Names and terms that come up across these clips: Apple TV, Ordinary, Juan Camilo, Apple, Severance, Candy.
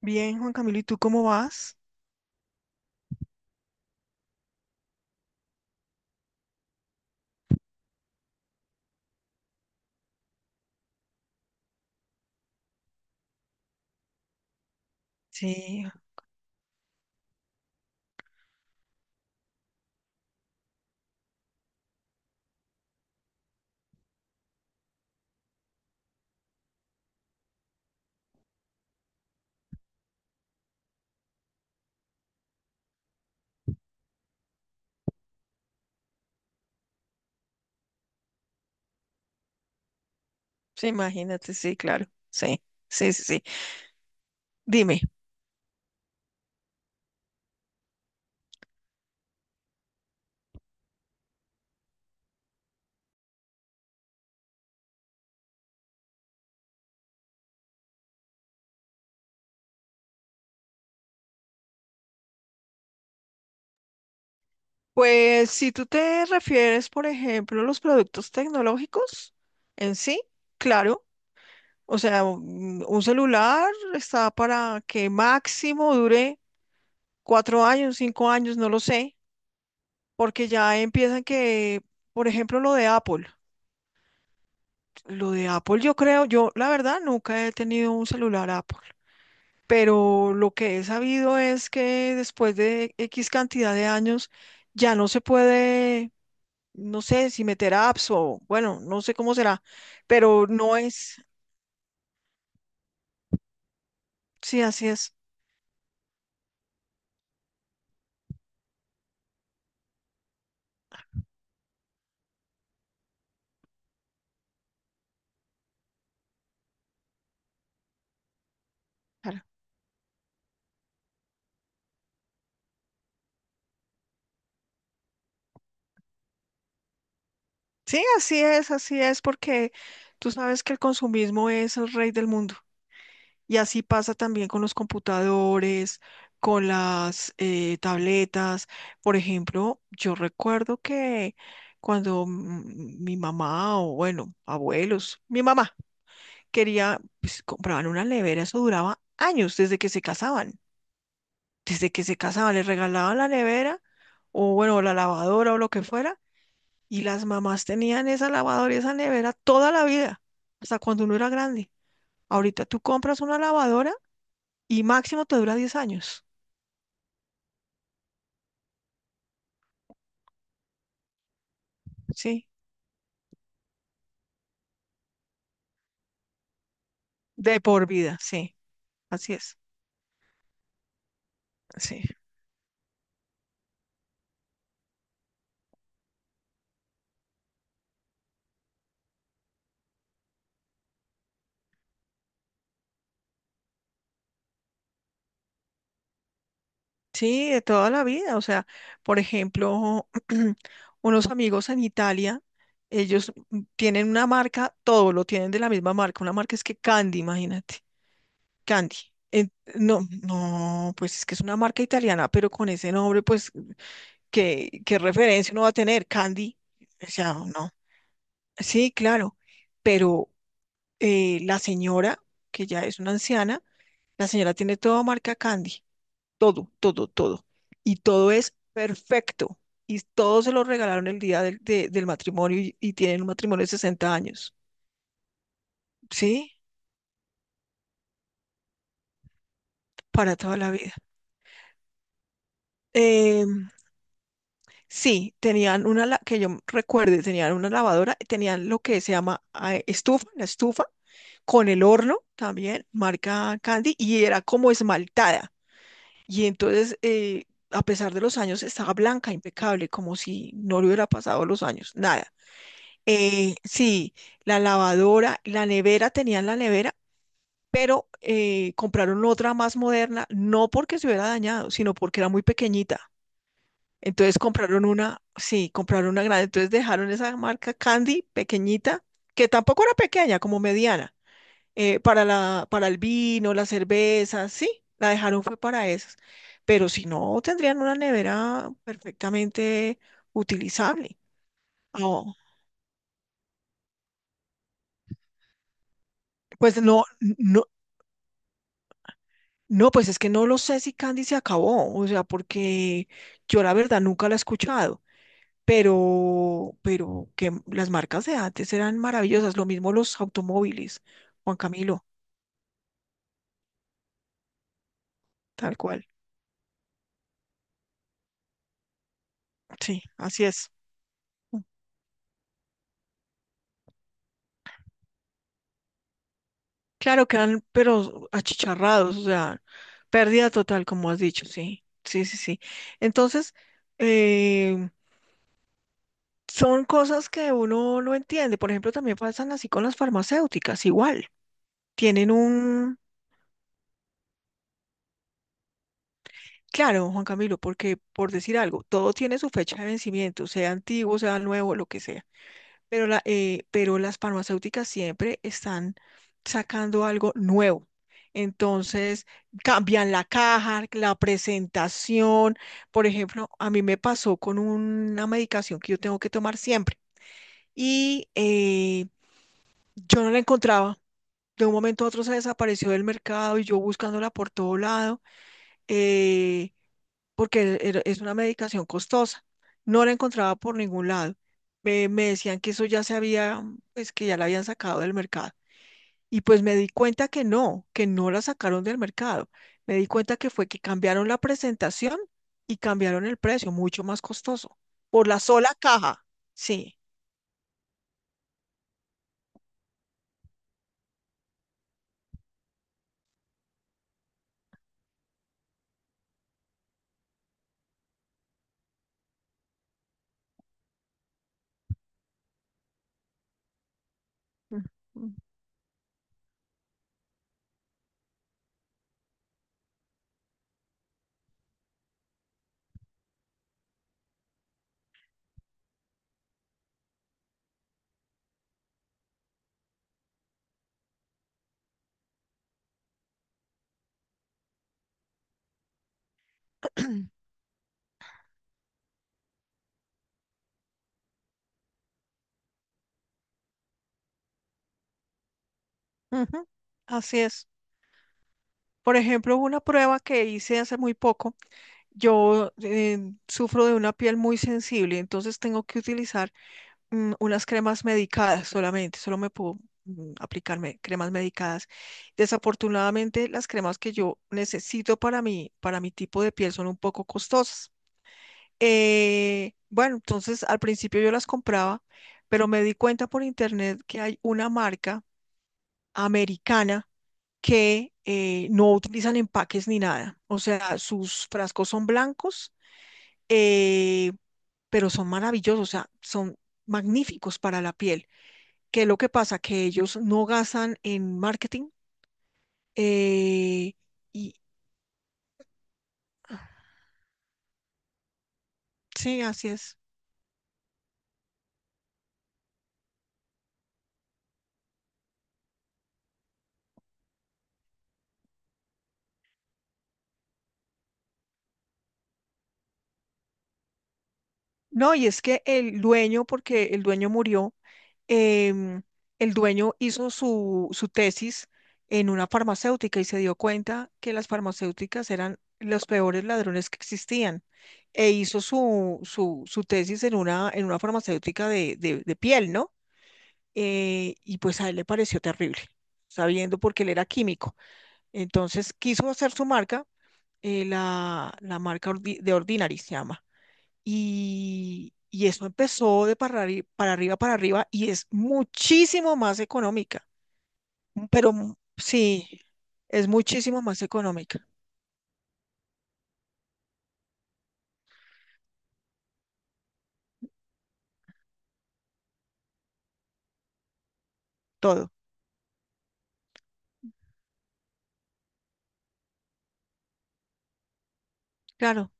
Bien, Juan Camilo, ¿y tú cómo vas? Sí, sí, imagínate, sí, claro, sí, sí, sí, sí. Dime, pues si tú te refieres, por ejemplo, a los productos tecnológicos en sí, claro, o sea, un celular está para que máximo dure 4 años, 5 años, no lo sé, porque ya empiezan que, por ejemplo, lo de Apple yo creo, yo la verdad nunca he tenido un celular Apple. Pero lo que he sabido es que después de X cantidad de años ya no se puede, no sé si meter apps o bueno, no sé cómo será, pero no es. Sí, así es. Claro. Sí, así es, porque tú sabes que el consumismo es el rey del mundo. Y así pasa también con los computadores, con las tabletas. Por ejemplo, yo recuerdo que cuando mi mamá o, bueno, abuelos, mi mamá quería, pues compraban una nevera, eso duraba años desde que se casaban. Desde que se casaban, les regalaban la nevera o, bueno, la lavadora o lo que fuera. Y las mamás tenían esa lavadora y esa nevera toda la vida, hasta cuando uno era grande. Ahorita tú compras una lavadora y máximo te dura 10 años, ¿sí? De por vida, sí, así es, sí. Sí, de toda la vida, o sea, por ejemplo, unos amigos en Italia, ellos tienen una marca, todo lo tienen de la misma marca, una marca es que Candy, imagínate. Candy. No, no, pues es que es una marca italiana, pero con ese nombre, pues, ¿qué referencia uno va a tener? Candy, o sea, no. Sí, claro, pero la señora, que ya es una anciana, la señora tiene todo marca Candy, todo, todo, todo. Y todo es perfecto. Y todo se lo regalaron el día del matrimonio y, tienen un matrimonio de 60 años, ¿sí? Para toda la vida. Em, sí, que yo recuerde, tenían una lavadora, tenían lo que se llama estufa, la estufa, con el horno también, marca Candy, y era como esmaltada. Y entonces a pesar de los años, estaba blanca, impecable, como si no le hubiera pasado los años, nada. Sí, la lavadora, la nevera, tenían la nevera, pero compraron otra más moderna, no porque se hubiera dañado, sino porque era muy pequeñita. Entonces compraron una, sí, compraron una grande, entonces dejaron esa marca Candy pequeñita, que tampoco era pequeña, como mediana, para el vino, la cerveza, sí, la dejaron fue para esas. Pero si no, tendrían una nevera perfectamente utilizable. No, pues no, no. No, pues es que no lo sé si Candy se acabó, o sea, porque yo la verdad nunca la he escuchado, pero que las marcas de antes eran maravillosas, lo mismo los automóviles, Juan Camilo. Tal cual. Sí, así es. Claro, quedan, pero achicharrados, o sea, pérdida total, como has dicho, sí, sí, sí, sí. Entonces, eh, son cosas que uno no entiende, por ejemplo, también pasan así con las farmacéuticas, igual, tienen un... Claro, Juan Camilo, porque por decir algo, todo tiene su fecha de vencimiento, sea antiguo, sea nuevo, lo que sea. Pero las farmacéuticas siempre están sacando algo nuevo. Entonces, cambian la caja, la presentación. Por ejemplo, a mí me pasó con una medicación que yo tengo que tomar siempre y yo no la encontraba. De un momento a otro se desapareció del mercado y yo buscándola por todo lado. eh, Porque es una medicación costosa. No la encontraba por ningún lado. Me decían que eso ya se había, pues que ya la habían sacado del mercado. Y pues me di cuenta que no la sacaron del mercado. Me di cuenta que fue que cambiaron la presentación y cambiaron el precio, mucho más costoso, por la sola caja. Sí. Ujú. Ujú. Así es. Por ejemplo, una prueba que hice hace muy poco, yo sufro de una piel muy sensible, entonces tengo que utilizar unas cremas medicadas solamente, solo me puedo aplicarme cremas medicadas. Desafortunadamente, las cremas que yo necesito para mí, para mi tipo de piel son un poco costosas. Bueno, entonces al principio yo las compraba, pero me di cuenta por internet que hay una marca americana que no utilizan empaques ni nada. O sea, sus frascos son blancos, eh, pero son maravillosos, o sea, son magníficos para la piel. ¿Qué es lo que pasa? Que ellos no gastan en marketing. eh, y sí, así es. No, y es que el dueño, porque el dueño murió, em, el dueño hizo su tesis en una farmacéutica y se dio cuenta que las farmacéuticas eran los peores ladrones que existían. E hizo su tesis en una, farmacéutica de piel, ¿no? Y pues a él le pareció terrible, sabiendo porque él era químico. Entonces quiso hacer su marca, la marca de Ordinary se llama. Y eso empezó para arriba, y es muchísimo más económica. Sí, es muchísimo más económica, todo. Claro,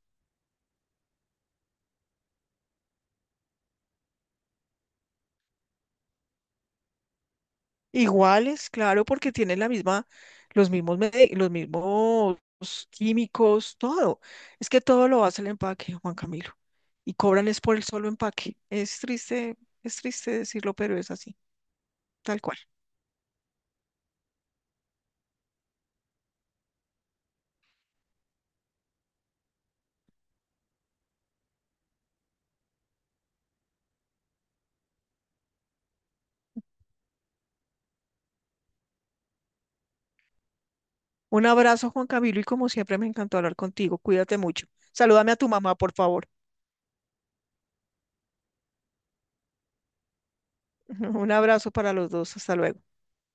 iguales, claro, porque tienen la misma, los mismos químicos, todo. Es que todo lo hace el empaque, Juan Camilo. Y cobran es por el solo empaque. Es triste decirlo, pero es así. Tal cual. Un abrazo, Juan Camilo, y como siempre me encantó hablar contigo. Cuídate mucho. Salúdame a tu mamá, por favor. Un abrazo para los dos. Hasta luego.